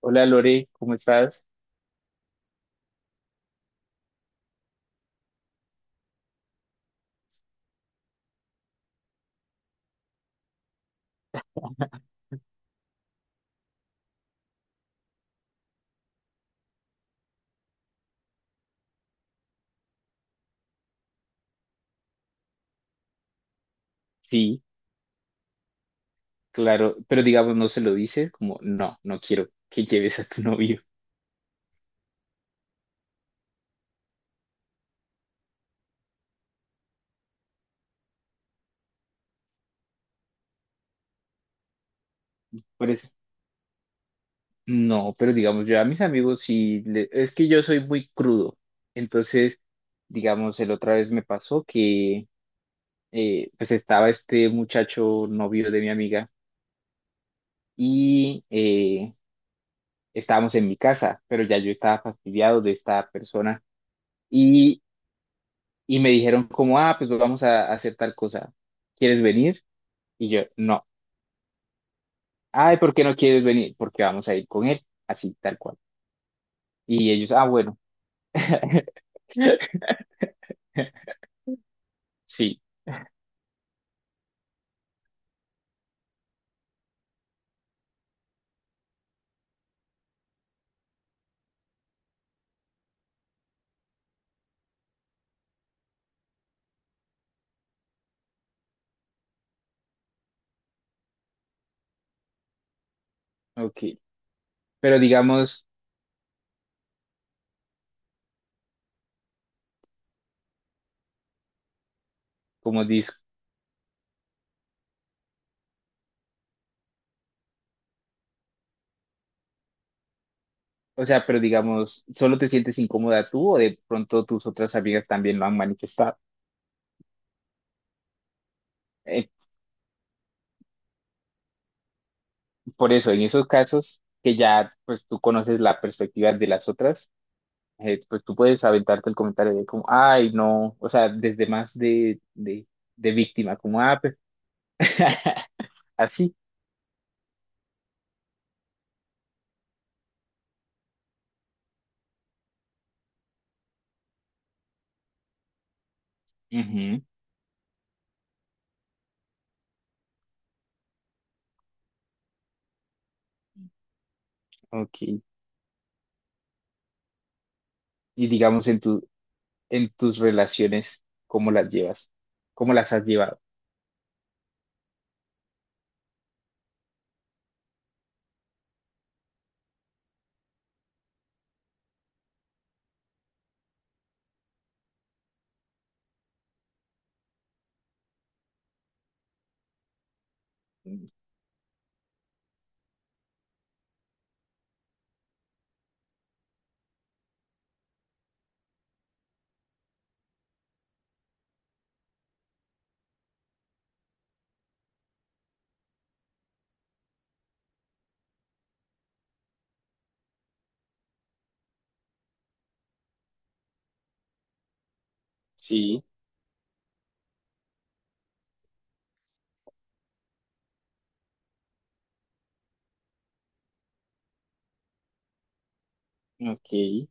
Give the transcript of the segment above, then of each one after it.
Hola Lore, ¿cómo estás? Sí, claro, pero digamos no se lo dices, como no, no quiero que lleves a tu novio. Por eso, no, pero digamos yo a mis amigos sí, es que yo soy muy crudo. Entonces, digamos, el otra vez me pasó que pues estaba este muchacho novio de mi amiga y estábamos en mi casa, pero ya yo estaba fastidiado de esta persona y, y me dijeron como, ah, pues vamos a hacer tal cosa, ¿quieres venir? Y yo, no. Ay, ¿por qué no quieres venir? Porque vamos a ir con él, así, tal cual. Y ellos, ah, bueno. Sí, ok. Pero digamos, como dis, o sea, pero digamos, ¿solo te sientes incómoda tú o de pronto tus otras amigas también lo han manifestado? Eh, por eso, en esos casos que ya, pues tú conoces la perspectiva de las otras, pues tú puedes aventarte el comentario de como, ay, no, o sea, desde más de víctima, como, ah, pues, así. Ujú, ok. Y digamos en en tus relaciones, ¿cómo las llevas? ¿Cómo las has llevado? Sí, ok.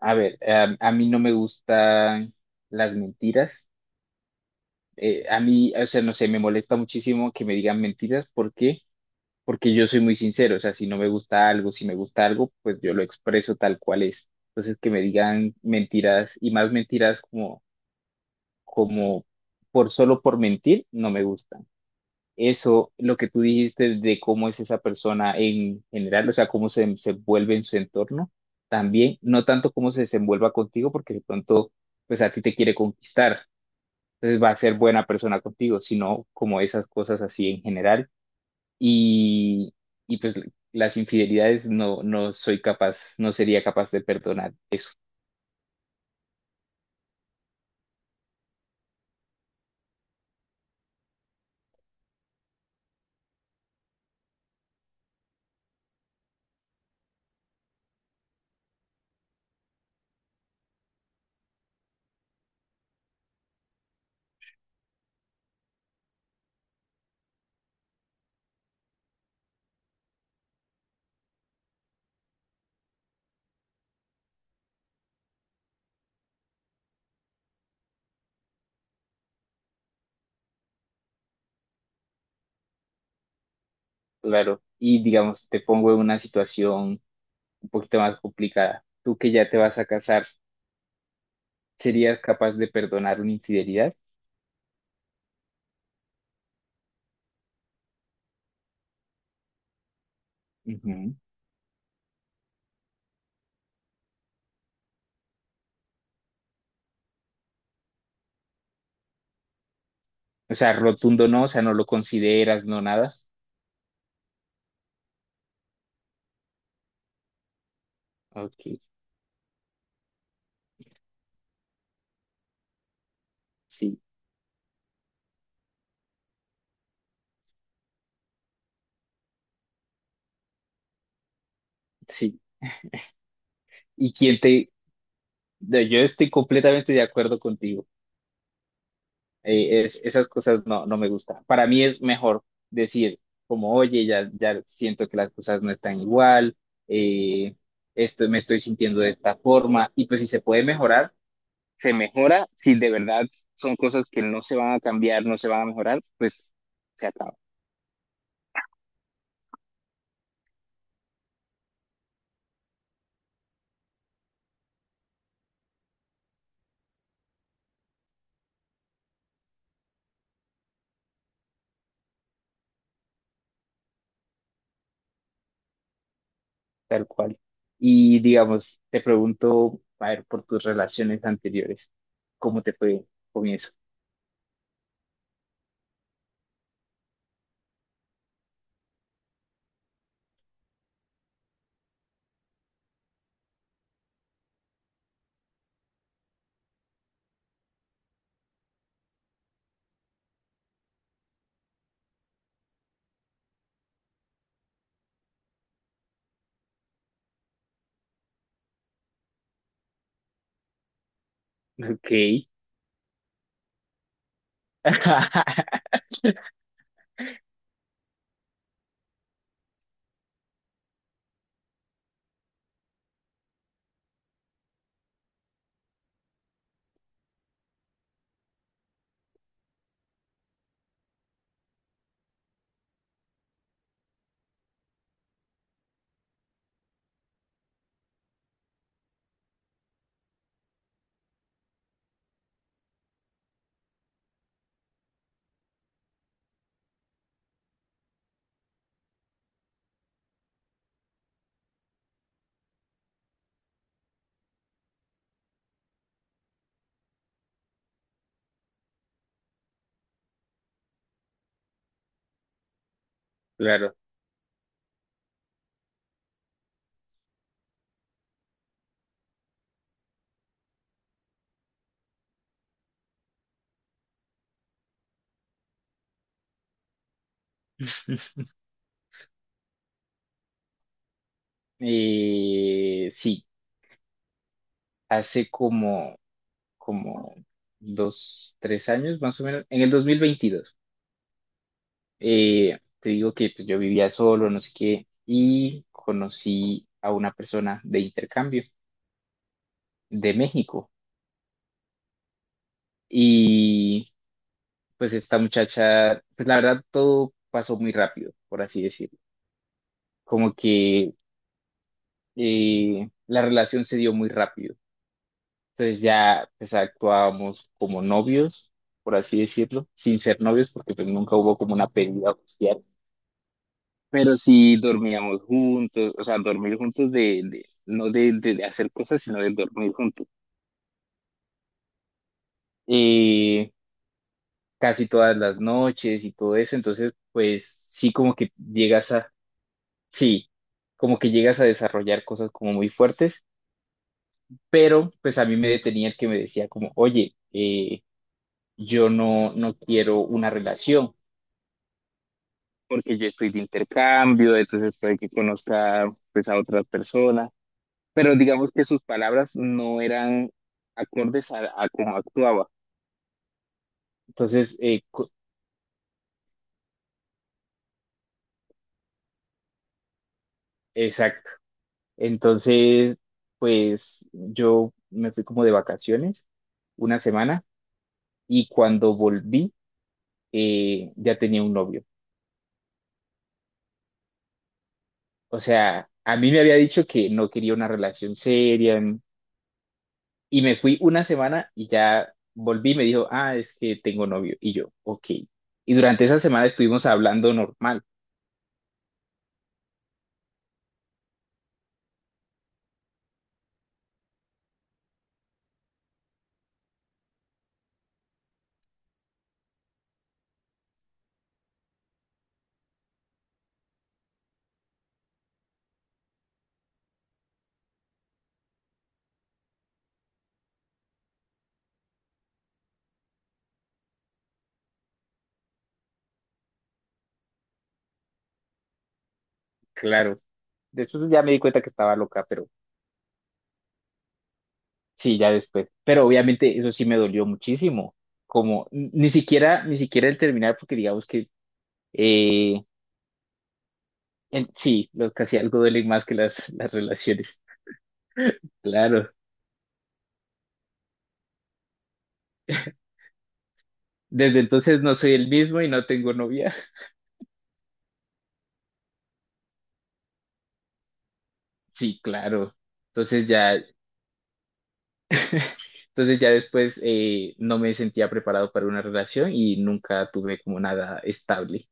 A ver, a mí no me gustan las mentiras. A mí, o sea, no sé, me molesta muchísimo que me digan mentiras. ¿Por qué? Porque yo soy muy sincero. O sea, si no me gusta algo, si me gusta algo, pues yo lo expreso tal cual es. Entonces, que me digan mentiras y más mentiras como por solo por mentir, no me gusta. Eso, lo que tú dijiste de cómo es esa persona en general, o sea, cómo se vuelve en su entorno, también, no tanto cómo se desenvuelva contigo, porque de pronto, pues a ti te quiere conquistar, entonces va a ser buena persona contigo, sino como esas cosas así en general. Y, y pues las infidelidades no, no soy capaz, no sería capaz de perdonar eso, claro. Y digamos, te pongo en una situación un poquito más complicada. Tú que ya te vas a casar, ¿serías capaz de perdonar una infidelidad? Ujú. O sea, rotundo no, o sea, no lo consideras, no nada. Ok, sí, sí. ¿Y quién te...? No, yo estoy completamente de acuerdo contigo. Esas cosas no, no me gustan. Para mí es mejor decir como, oye, ya, ya siento que las cosas no están igual, eh, esto, me estoy sintiendo de esta forma. Y pues si se puede mejorar, se mejora. Si de verdad son cosas que no se van a cambiar, no se van a mejorar, pues se acaba. Tal cual. Y digamos, te pregunto, a ver, por tus relaciones anteriores, ¿cómo te fue con eso? Ok. Claro. Sí, hace como dos, tres años más o menos, en el 2022. Te digo que pues, yo vivía solo, no sé qué, y conocí a una persona de intercambio de México. Y pues esta muchacha, pues la verdad todo pasó muy rápido, por así decirlo. Como que la relación se dio muy rápido. Entonces ya pues actuábamos como novios, por así decirlo, sin ser novios porque pues nunca hubo como una pérdida oficial, pero sí dormíamos juntos, o sea, dormir juntos de no de hacer cosas, sino de dormir juntos. Eh, casi todas las noches y todo eso, entonces pues sí como que llegas a sí, como que llegas a desarrollar cosas como muy fuertes, pero pues a mí me detenía el que me decía como, oye, yo no, no quiero una relación porque yo estoy de intercambio, entonces puede que conozca pues a otras personas, pero digamos que sus palabras no eran acordes a cómo actuaba. Entonces, exacto. Entonces, pues yo me fui como de vacaciones una semana y cuando volví, ya tenía un novio. O sea, a mí me había dicho que no quería una relación seria, mm, y me fui una semana y ya volví y me dijo, ah, es que tengo novio. Y yo, ok. Y durante esa semana estuvimos hablando normal, claro. Después ya me di cuenta que estaba loca, pero sí, ya después. Pero obviamente eso sí me dolió muchísimo. Como ni siquiera, ni siquiera el terminar, porque digamos que eh, sí, los casi algo duelen más que las relaciones. Claro. Desde entonces no soy el mismo y no tengo novia. Sí, claro. Entonces ya, entonces ya después no me sentía preparado para una relación y nunca tuve como nada estable.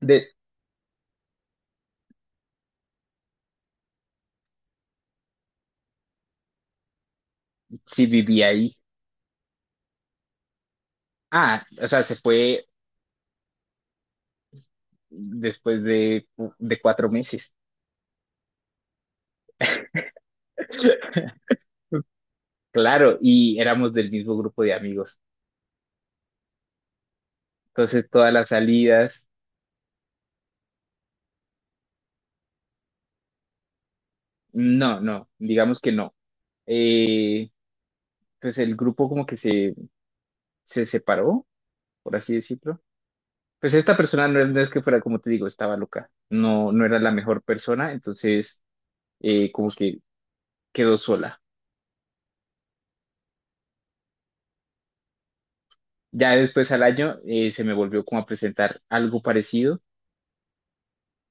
De, sí viví ahí. Ah, o sea, se fue después de cuatro meses. Claro, y éramos del mismo grupo de amigos. Entonces todas las salidas, no, no, digamos que no. Eh, pues el grupo como que se separó, por así decirlo. Pues esta persona no es que fuera, como te digo, estaba loca, no, no era la mejor persona, entonces como que quedó sola. Ya después al año se me volvió como a presentar algo parecido,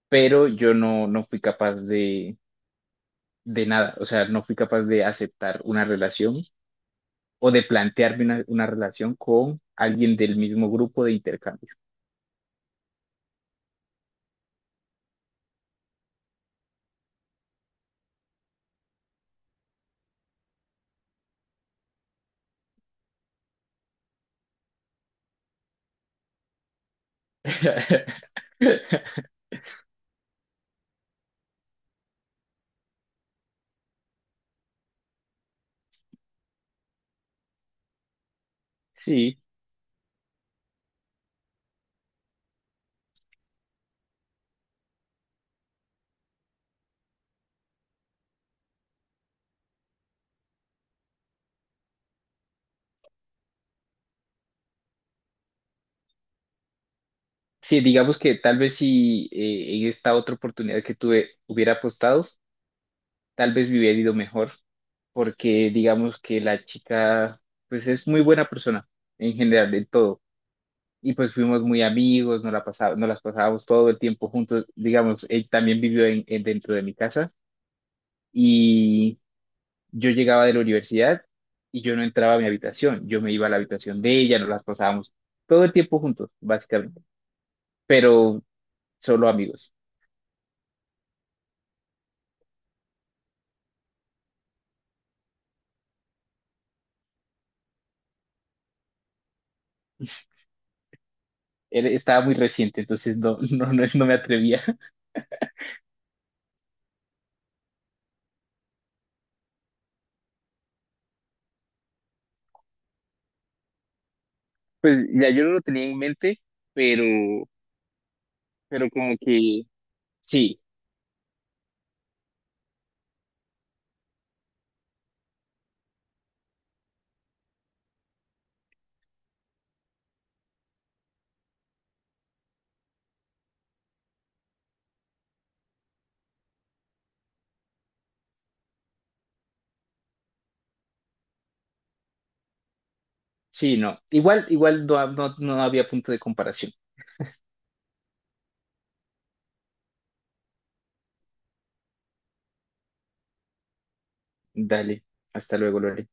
pero yo no, no fui capaz de nada, o sea, no fui capaz de aceptar una relación o de plantearme una relación con alguien del mismo grupo de intercambio. Sí, sí, digamos que tal vez si en esta otra oportunidad que tuve hubiera apostado, tal vez me hubiera ido mejor, porque digamos que la chica, pues es muy buena persona en general, en todo. Y pues fuimos muy amigos, nos las pasábamos todo el tiempo juntos. Digamos, él también vivió dentro de mi casa y yo llegaba de la universidad y yo no entraba a mi habitación, yo me iba a la habitación de ella, nos las pasábamos todo el tiempo juntos, básicamente, pero solo amigos. Él estaba muy reciente, entonces no, no, no, no me atrevía. Pues ya yo no lo tenía en mente, pero pero como que sí, sí, no. Igual, igual no, no, no había punto de comparación. Dale, hasta luego, Lore.